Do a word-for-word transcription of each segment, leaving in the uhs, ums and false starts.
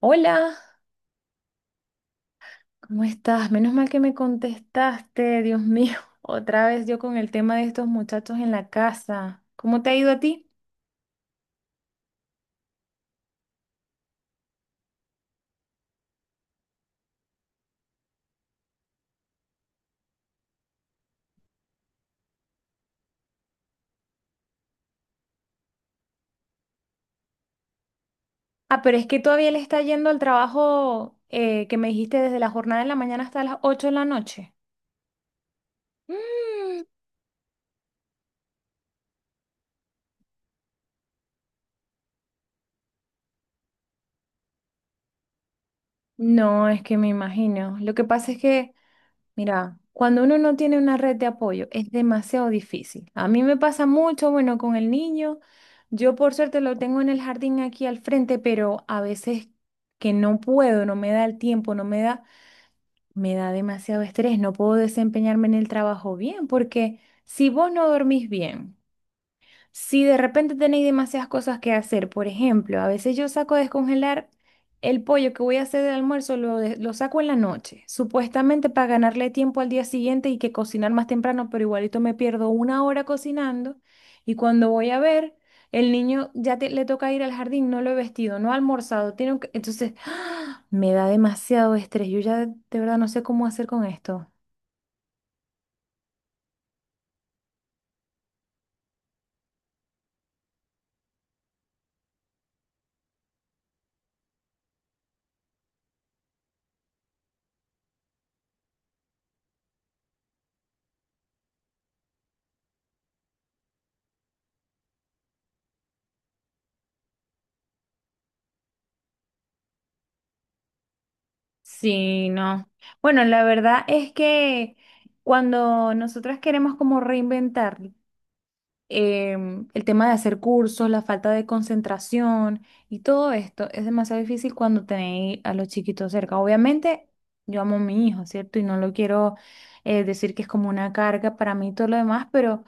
Hola, ¿cómo estás? Menos mal que me contestaste, Dios mío. Otra vez yo con el tema de estos muchachos en la casa. ¿Cómo te ha ido a ti? Ah, pero es que todavía le está yendo al trabajo eh, que me dijiste desde la jornada de la mañana hasta las ocho de la noche. Mm. No, es que me imagino. Lo que pasa es que mira, cuando uno no tiene una red de apoyo, es demasiado difícil. A mí me pasa mucho, bueno, con el niño. Yo por suerte lo tengo en el jardín aquí al frente, pero a veces que no puedo, no me da el tiempo, no me da, me da demasiado estrés, no puedo desempeñarme en el trabajo bien, porque si vos no dormís bien, si de repente tenéis demasiadas cosas que hacer, por ejemplo, a veces yo saco a descongelar el pollo que voy a hacer del almuerzo, lo, de- lo saco en la noche, supuestamente para ganarle tiempo al día siguiente y que cocinar más temprano, pero igualito me pierdo una hora cocinando y cuando voy a ver, el niño ya te- le toca ir al jardín, no lo he vestido, no ha almorzado, tiene que- entonces me da demasiado estrés, yo ya de verdad no sé cómo hacer con esto. Sí, no. Bueno, la verdad es que cuando nosotras queremos como reinventar em, el tema de hacer cursos, la falta de concentración y todo esto es demasiado difícil cuando tenéis a los chiquitos cerca. Obviamente, yo amo a mi hijo, ¿cierto? Y no lo quiero eh, decir que es como una carga para mí y todo lo demás, pero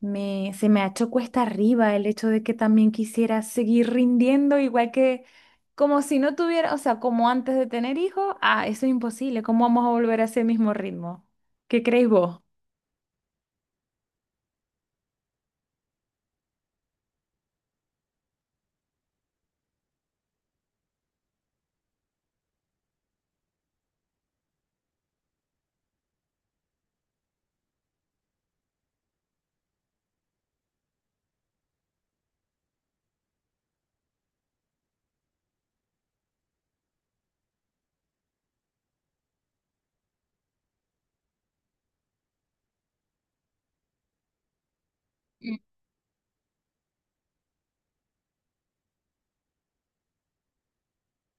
me, se me ha hecho cuesta arriba el hecho de que también quisiera seguir rindiendo igual que... Como si no tuviera, o sea, como antes de tener hijos, ah, eso es imposible. ¿Cómo vamos a volver a ese mismo ritmo? ¿Qué creéis vos?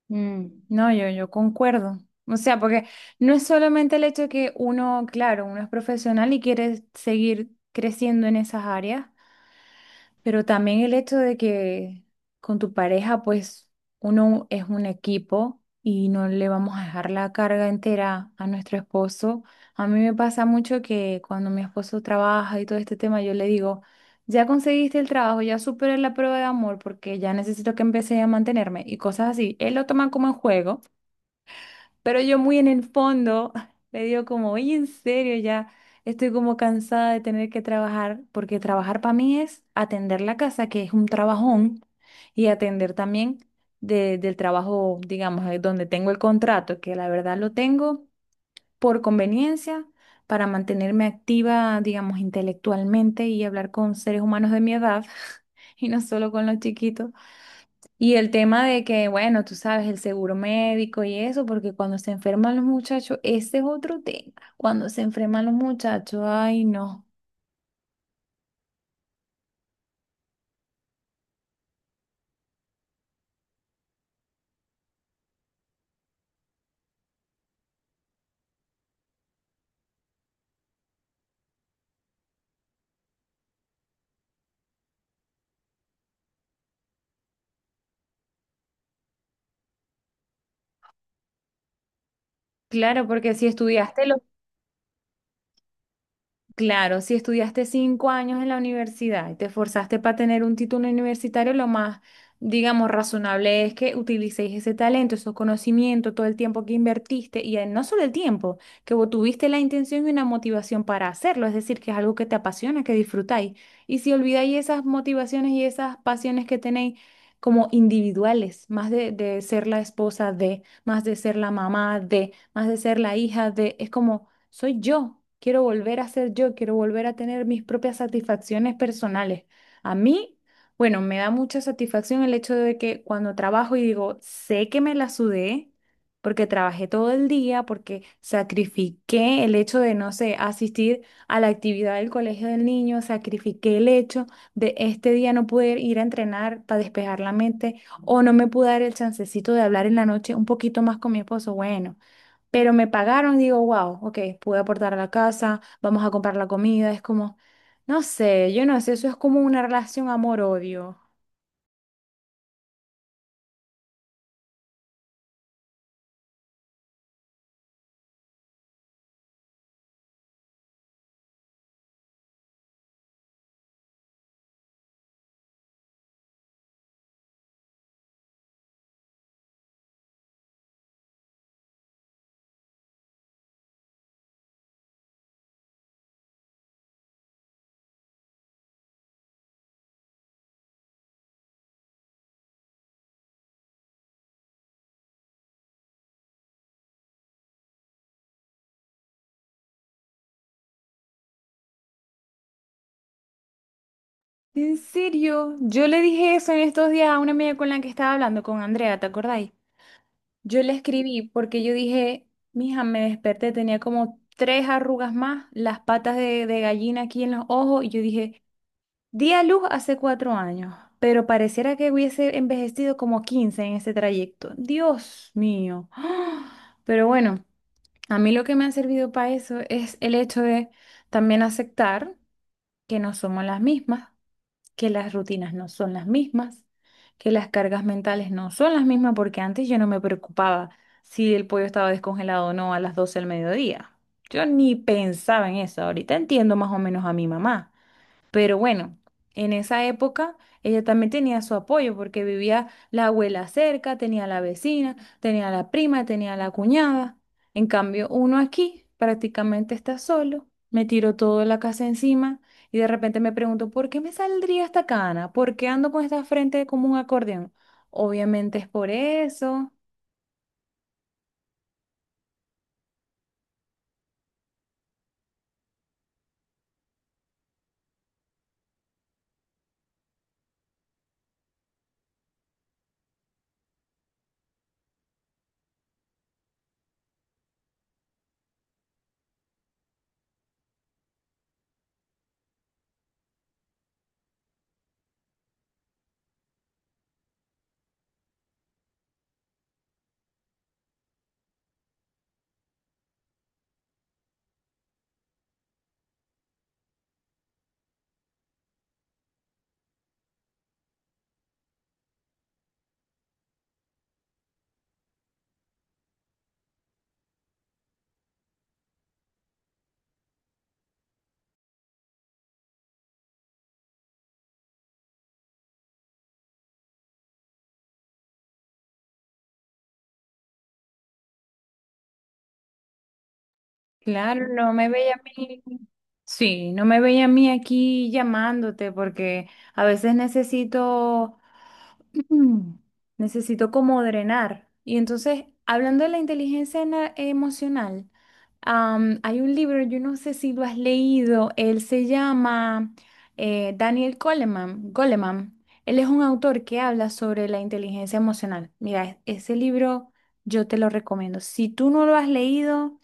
Mm, no, yo, yo concuerdo. O sea, porque no es solamente el hecho de que uno, claro, uno es profesional y quiere seguir creciendo en esas áreas, pero también el hecho de que con tu pareja, pues uno es un equipo y no le vamos a dejar la carga entera a nuestro esposo. A mí me pasa mucho que cuando mi esposo trabaja y todo este tema, yo le digo, ya conseguiste el trabajo, ya superé la prueba de amor porque ya necesito que empecé a mantenerme y cosas así. Él lo toma como en juego. Pero yo muy en el fondo le digo como, oye, en serio, ya estoy como cansada de tener que trabajar, porque trabajar para mí es atender la casa, que es un trabajón, y atender también de- del trabajo, digamos, eh, donde tengo el contrato, que la verdad lo tengo por conveniencia, para mantenerme activa, digamos, intelectualmente y hablar con seres humanos de mi edad, y no solo con los chiquitos. Y el tema de que, bueno, tú sabes, el seguro médico y eso, porque cuando se enferman los muchachos, ese es otro tema. Cuando se enferman los muchachos, ay, no. Claro, porque si estudiaste los Claro, si estudiaste cinco años en la universidad y te esforzaste para tener un título universitario, lo más, digamos, razonable es que utilicéis ese talento, esos conocimientos, todo el tiempo que invertiste y eh, no solo el tiempo, que vos tuviste la intención y una motivación para hacerlo, es decir, que es algo que te apasiona, que disfrutáis. Y si olvidáis esas motivaciones y esas pasiones que tenéis como individuales, más de, de ser la esposa de, más de ser la mamá de, más de ser la hija de, es como soy yo. Quiero volver a ser yo, quiero volver a tener mis propias satisfacciones personales. A mí, bueno, me da mucha satisfacción el hecho de que cuando trabajo y digo, sé que me la sudé, porque trabajé todo el día, porque sacrifiqué el hecho de, no sé, asistir a la actividad del colegio del niño, sacrifiqué el hecho de este día no poder ir a entrenar para despejar la mente o no me pude dar el chancecito de hablar en la noche un poquito más con mi esposo. Bueno. Pero me pagaron y digo, wow, ok, pude aportar a la casa, vamos a comprar la comida. Es como, no sé, yo no sé, eso es como una relación amor-odio. En serio, yo le dije eso en estos días a una amiga con la que estaba hablando, con Andrea, ¿te acordáis? Yo le escribí porque yo dije, mija, me desperté, tenía como tres arrugas más, las patas de, de gallina aquí en los ojos, y yo dije, di a luz hace cuatro años, pero pareciera que hubiese envejecido como quince en ese trayecto. Dios mío. ¡Ah! Pero bueno, a mí lo que me ha servido para eso es el hecho de también aceptar que no somos las mismas, que las rutinas no son las mismas, que las cargas mentales no son las mismas, porque antes yo no me preocupaba si el pollo estaba descongelado o no a las doce del mediodía. Yo ni pensaba en eso. Ahorita entiendo más o menos a mi mamá. Pero bueno, en esa época ella también tenía su apoyo porque vivía la abuela cerca, tenía la vecina, tenía la prima, tenía la cuñada. En cambio, uno aquí prácticamente está solo, me tiro toda la casa encima y de repente me pregunto, ¿por qué me saldría esta cana? ¿Por qué ando con esta frente como un acordeón? Obviamente es por eso. Claro, no me veía a mí. Sí, no me veía a mí aquí llamándote porque a veces necesito Mm. Necesito como drenar. Y entonces, hablando de la inteligencia ena- emocional, am, hay un libro, yo no sé si lo has leído, él se llama eh, Daniel Goleman, Goleman. Él es un autor que habla sobre la inteligencia emocional. Mira, e- ese libro yo te lo recomiendo. Si tú no lo has leído,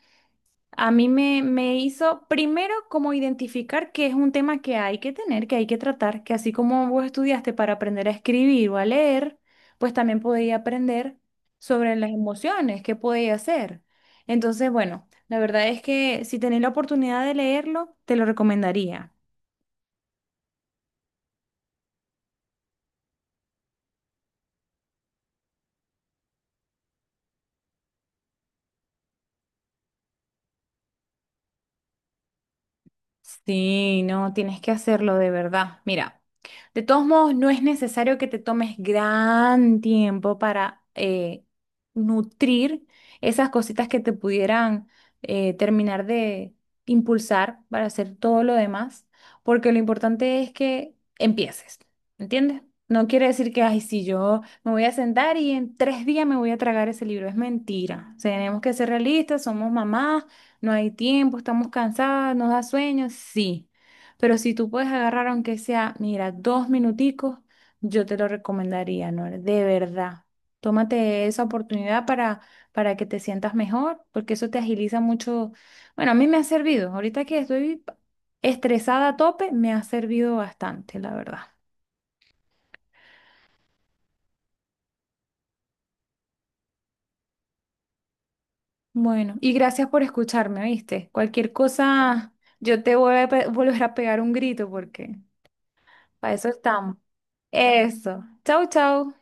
a mí me, me hizo primero como identificar que es un tema que hay que tener, que hay que tratar, que así como vos estudiaste para aprender a escribir o a leer, pues también podía aprender sobre las emociones, qué podía hacer. Entonces, bueno, la verdad es que si tenés la oportunidad de leerlo, te lo recomendaría. Sí, no, tienes que hacerlo de verdad. Mira, de todos modos, no es necesario que te tomes gran tiempo para eh, nutrir esas cositas que te pudieran eh, terminar de impulsar para hacer todo lo demás, porque lo importante es que empieces, ¿entiendes? No quiere decir que, ay, si yo me voy a sentar y en tres días me voy a tragar ese libro, es mentira. O sea, tenemos que ser realistas, somos mamás, no hay tiempo, estamos cansadas, nos da sueño, sí. Pero si tú puedes agarrar, aunque sea, mira, dos minuticos, yo te lo recomendaría, ¿no? De verdad. Tómate esa oportunidad para, para que te sientas mejor, porque eso te agiliza mucho. Bueno, a mí me ha servido. Ahorita que estoy estresada a tope, me ha servido bastante, la verdad. Bueno, y gracias por escucharme, ¿viste? Cualquier cosa, yo te voy a pe- volver a pegar un grito porque para eso estamos. Eso. Chau, chau.